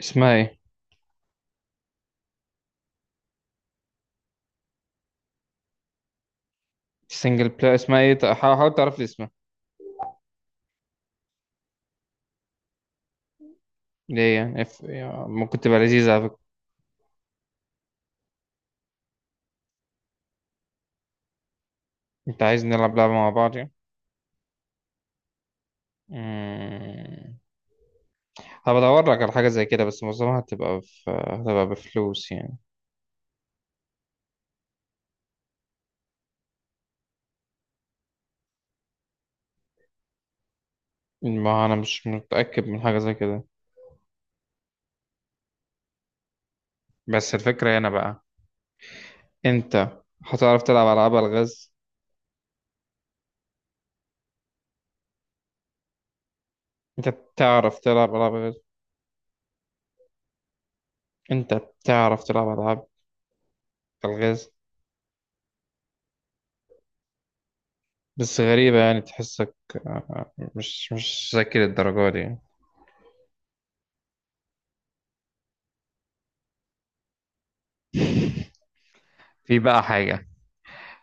اسمها ايه؟ السنجل بلاي اسمها ايه؟ حاول تعرف لي اسمها. ليه يعني؟ يعني ممكن تبقى لذيذة على فكرة. انت عايز نلعب لعبة مع بعض يعني؟ مم. هبدور لك على حاجة زي كده، بس معظمها هتبقى بفلوس يعني. ما انا مش متأكد من حاجة زي كده، بس الفكرة هنا بقى، انت هتعرف تلعب ألعاب ألغاز؟ انت بتعرف تلعب ألعاب ألغاز؟ انت بتعرف تلعب ألعاب ألغاز؟ بس غريبة يعني، تحسك مش ذكي للدرجة دي يعني. في بقى حاجة.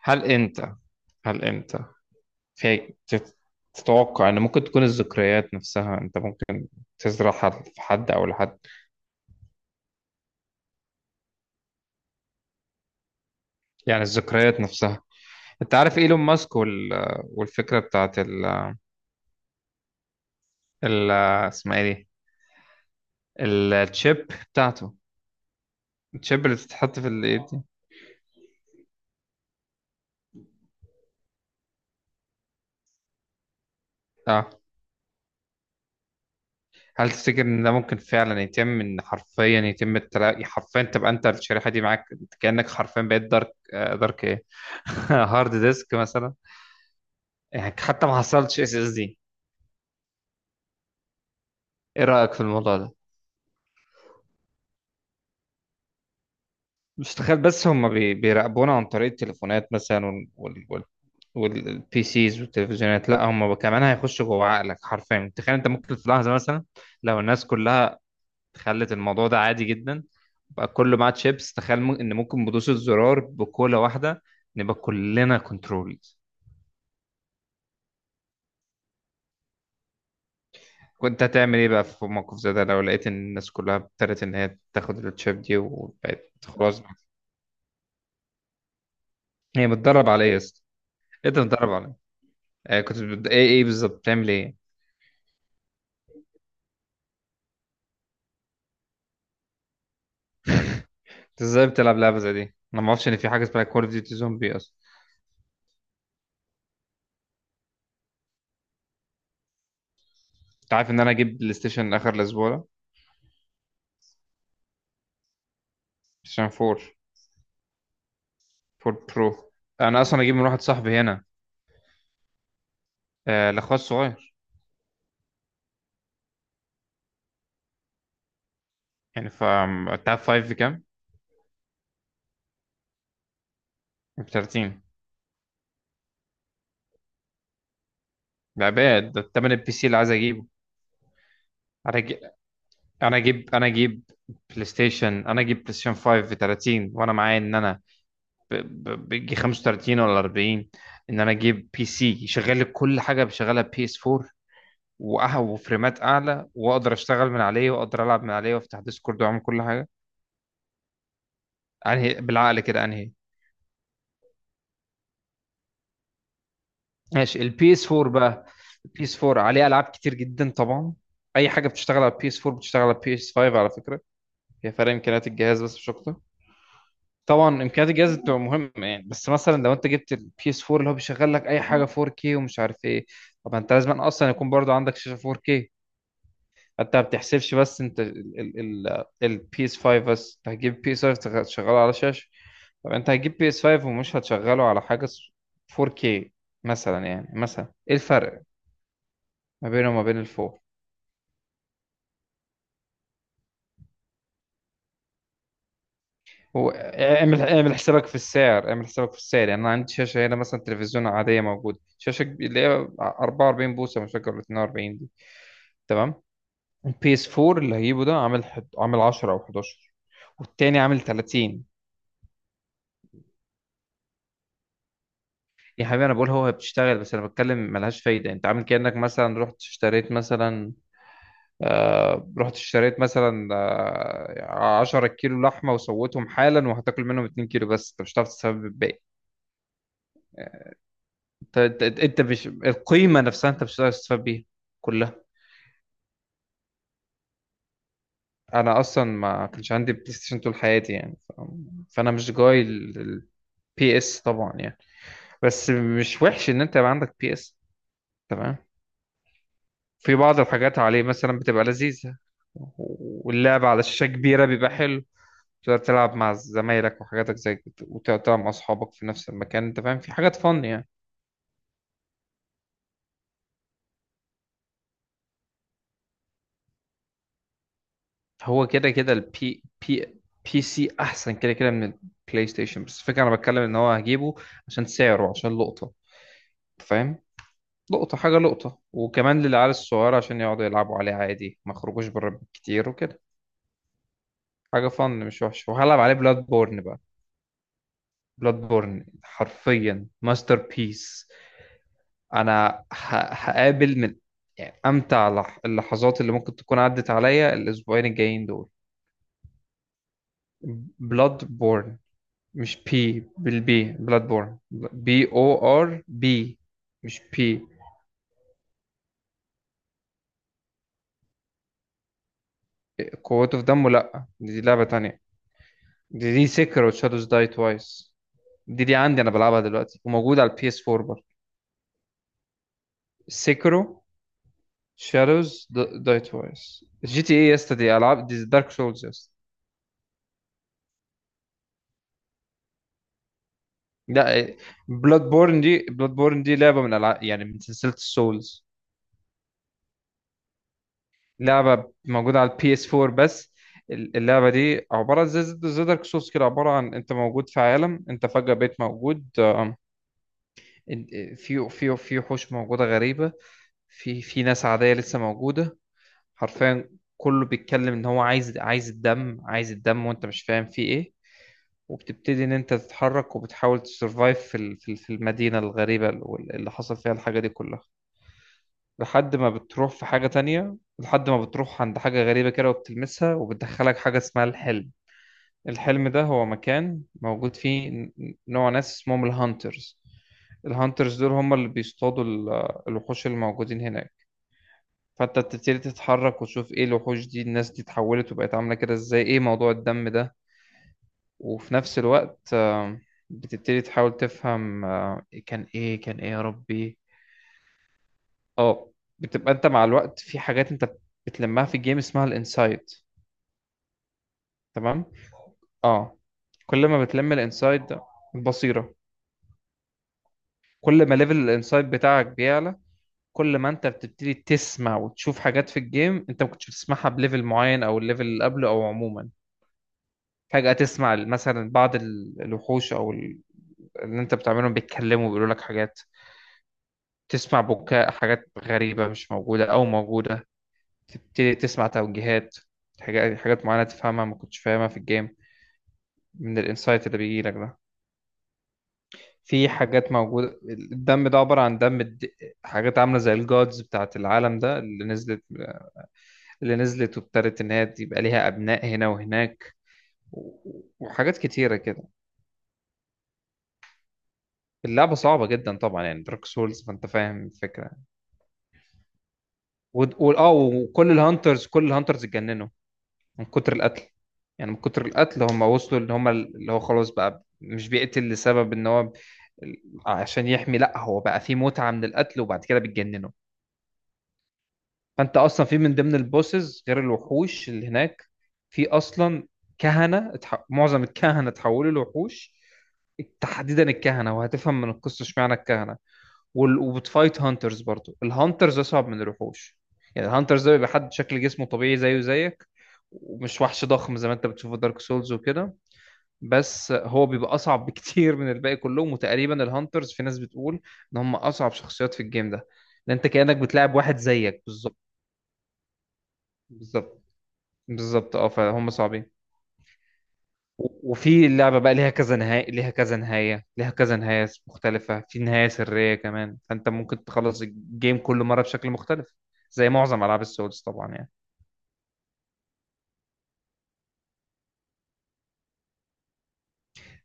هل أنت هل أنت في تت- تتوقع إن ممكن تكون الذكريات نفسها أنت ممكن تزرعها في حد أو لحد؟ يعني الذكريات نفسها، أنت عارف إيلون ماسك وال... والفكرة بتاعت ال... ال... اسمها إيه دي، التشيب بتاعته؟ التشيب اللي بتتحط في الإيد دي. أه. هل تفتكر إن ده ممكن فعلا يتم، إن حرفيا يتم التلاقي حرفيا، تبقى أنت الشريحة دي معاك؟ كأنك حرفيا بقيت دارك دارك إيه، هارد ديسك مثلا. يعني حتى ما حصلتش اس اس دي. ايه رأيك في الموضوع ده؟ مش تخيل بس هم بيراقبونا عن طريق التليفونات مثلا والبي سيز والتلفزيونات؟ لا، هم كمان هيخشوا جوه عقلك حرفيا. تخيل انت ممكن في لحظة مثلا، لو الناس كلها خلت الموضوع ده عادي جدا، بقى كله معاه تشيبس، تخيل ان ممكن بدوسة زرار، بكولة واحدة، نبقى كلنا كنترول. كنت هتعمل ايه بقى في موقف زي ده، لو لقيت ان الناس كلها ابتدت ان هي تاخد التشيب دي وبقت خلاص؟ هي متدرب عليه. ايه ده متدرب عليه؟ آه كنت ايه بالظبط بتعمل ايه؟ انت ازاي بتلعب لعبه زي دي؟ انا ما اعرفش ان في حاجه اسمها كول اوف ديوتي زومبي اصلا. انت عارف ان انا اجيب بلاي ستيشن اخر الاسبوع ده؟ بلاي ستيشن 4، 4 برو. انا اصلا اجيب من واحد صاحبي هنا. آه الاخوات الصغير يعني. انت عارف 5 بكام؟ ب 30. لا باد، ده التمن البي سي اللي عايز اجيبه. انا اجيب انا اجيب انا اجيب بلاي ستيشن انا اجيب بلاي ستيشن 5 ب 30، وانا معايا ان انا ب- بيجي 35 ولا 40، ان انا اجيب بي سي يشغل لي كل حاجه بشغلها بي اس 4، وفريمات اعلى، واقدر اشتغل من عليه، واقدر العب من عليه، وافتح ديسكورد، واعمل كل حاجه. انهي بالعقل كده، انهي؟ ماشي، البي اس 4 بقى. البي اس 4 عليه العاب كتير جدا طبعا. اي حاجه بتشتغل على البي اس 4 بتشتغل على البي اس 5 على فكره. هي فرق امكانيات الجهاز بس، مش اكتر. طبعا امكانيات الجهاز بتبقى مهمه يعني، بس مثلا لو انت جبت البي اس 4 اللي هو بيشغل لك اي حاجه 4K ومش عارف ايه، طب انت لازم اصلا يكون برضو عندك شاشه 4K. انت ما بتحسبش بس، انت البي اس 5، بس انت هتجيب بي اس 5 تشغله على شاشه؟ طب انت هتجيب بي اس 5 ومش هتشغله على حاجه 4K مثلا؟ يعني مثلا ايه الفرق ما بينه وما بين ال4؟ هو اعمل حسابك في السعر، اعمل حسابك في السعر. يعني انا عندي شاشه هنا مثلا، تلفزيون عاديه موجوده، شاشه اللي هي 44 بوصه، مش فاكر ولا 42 دي. تمام. البي اس 4 اللي هجيبه ده عامل عامل 10 او 11، والتاني عامل 30. يا حبيبي انا بقول هو بتشتغل بس، انا بتكلم ملهاش فايده. انت عامل كانك مثلا رحت اشتريت مثلا، رحت اشتريت مثلا 10 كيلو لحمه وسويتهم حالا، وهتاكل منهم 2 كيلو بس، انت مش هتعرف تستفاد بالباقي. انت مش القيمه نفسها، انت مش هتقدر تستفاد بيها كلها. انا اصلا ما كانش عندي بلاي ستيشن طول حياتي يعني فانا مش جاي البي اس طبعا يعني، بس مش وحش ان انت يبقى عندك بي اس. تمام. في بعض الحاجات عليه مثلا بتبقى لذيذه. واللعب على شاشه كبيره بيبقى حلو، تقدر تلعب مع زمايلك وحاجاتك زي كده، وتقعد تلعب مع اصحابك في نفس المكان، انت فاهم، في حاجات فن يعني. هو كده كده البي بي بي سي احسن كده كده من البلاي ستيشن، بس الفكره انا بتكلم ان هو هجيبه عشان سعره، عشان لقطه، فاهم، لقطه حاجه لقطه، وكمان للعيال الصغيره عشان يقعدوا يلعبوا عليه عادي، ما يخرجوش بره كتير وكده. حاجه فن مش وحشه. وهلعب عليه بلاد بورن بقى، بلاد بورن حرفيا ماستر بيس. انا هقابل من، يعني، امتع اللحظات اللي ممكن تكون عدت عليا الاسبوعين الجايين دول. بلاد بورن، مش بي بالبي، بلاد بورن بي او ار بي، مش بي. قوته في دمه؟ لا، دي لعبة تانية، دي سيكرو شادوز داي توايس. دي عندي انا بلعبها دلوقتي، وموجودة على البي اس 4 برضه. سيكرو شادوز داي توايس. جي تي اي يا اسطى؟ دي العاب، دي دارك سولز يا اسطى. لا، بلاد بورن دي، بلاد بورن دي لعبة من العاب، يعني من سلسلة السولز. لعبة موجودة على البي اس 4 بس. اللعبة دي عبارة زي دارك سولز كده، عبارة عن انت موجود في عالم، انت فجأة بقيت موجود، في وحوش موجودة غريبة، في ناس عادية لسه موجودة حرفيا، كله بيتكلم ان هو عايز، عايز الدم، عايز الدم، وانت مش فاهم فيه ايه. وبتبتدي ان انت تتحرك، وبتحاول تسرفايف في المدينة الغريبة اللي حصل فيها الحاجة دي كلها، لحد ما بتروح في حاجة تانية، لحد ما بتروح عند حاجة غريبة كده وبتلمسها، وبتدخلك حاجة اسمها الحلم. الحلم ده هو مكان موجود فيه نوع ناس اسمهم الهانترز. الهانترز دول هم اللي بيصطادوا الوحوش اللي موجودين هناك. فانت بتبتدي تتحرك، وتشوف ايه الوحوش دي، الناس دي اتحولت وبقت عاملة كده ازاي، ايه موضوع الدم ده. وفي نفس الوقت بتبتدي تحاول تفهم كان ايه، كان ايه يا ربي. اه. بتبقى انت مع الوقت في حاجات انت بتلمها في الجيم، اسمها الانسايد. تمام. اه. كل ما بتلم الانسايد ده، البصيرة، كل ما ليفل الانسايد بتاعك بيعلى، كل ما انت بتبتدي تسمع وتشوف حاجات في الجيم انت ما كنتش بتسمعها بليفل معين، او الليفل اللي قبله، او عموما فجأة تسمع مثلا بعض الوحوش او اللي انت بتعملهم بيتكلموا، بيقولوا لك حاجات، تسمع بكاء، حاجات غريبة مش موجودة او موجودة، تبتدي تسمع توجيهات، حاجات حاجات معينة تفهمها ما كنتش فاهمها في الجيم، من الانسايت اللي بيجي لك ده. في حاجات موجودة، الدم ده عبارة عن حاجات عاملة زي الجودز بتاعت العالم ده اللي نزلت، اللي نزلت وابتدت إن هي يبقى ليها أبناء هنا وهناك، و... وحاجات كتيرة كده. اللعبة صعبة جدا طبعا يعني، دارك سولز، فأنت فاهم الفكرة. و... و... اه وكل الهانترز، كل الهانترز اتجننوا من كتر القتل. يعني من كتر القتل هم وصلوا ان هم، اللي هو خلاص بقى مش بيقتل لسبب ان هو عشان يحمي، لا هو بقى فيه متعة من القتل، وبعد كده بيتجننوا. فانت اصلا في من ضمن البوسز غير الوحوش اللي هناك، في اصلا كهنة معظم الكهنة اتحولوا لوحوش، تحديدا الكهنة، وهتفهم من القصة اشمعنى الكهنة. وبتفايت هانترز برضو، الهانترز اصعب من الوحوش. يعني الهانترز ده بيبقى حد شكل جسمه طبيعي زيه زيك، ومش وحش ضخم زي ما انت بتشوفه دارك سولز وكده، بس هو بيبقى اصعب بكتير من الباقي كلهم. وتقريبا الهانترز، في ناس بتقول ان هم اصعب شخصيات في الجيم ده، لان انت كانك بتلعب واحد زيك بالظبط. بالظبط، بالظبط. اه، فهم صعبين. وفي اللعبة بقى، ليها كذا نهاية، ليها كذا نهاية، ليها كذا نهاية مختلفة، في نهاية سرية كمان، فأنت ممكن تخلص الجيم كل مرة بشكل مختلف، زي معظم ألعاب السولز طبعا يعني.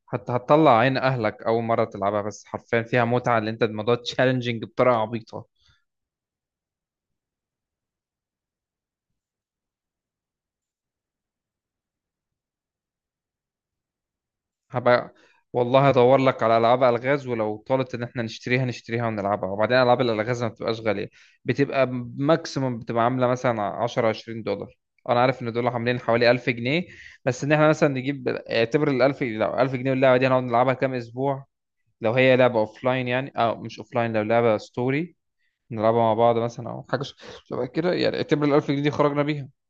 حتى هتطلع عين أهلك أول مرة تلعبها، بس حرفيا فيها متعة، اللي أنت الموضوع تشالنجينج بطريقة عبيطة. هبقى، والله هدور لك على العاب الغاز، ولو طالت ان احنا نشتريها نشتريها ونلعبها، وبعدين العاب الالغاز ما بتبقاش غاليه، بتبقى ماكسيموم بتبقى عامله مثلا 10 20 دولار. انا عارف ان دول عاملين حوالي 1000 جنيه. بس ان احنا مثلا نجيب، اعتبر ال 1000 لو 1000 جنيه واللعبه دي هنقعد نلعبها كام اسبوع؟ لو هي لعبه اوف لاين يعني، اه مش اوف لاين، لو لعبه ستوري، نلعبها مع بعض مثلا او حاجه شبه كده يعني، اعتبر ال 1000 جنيه دي خرجنا بيها.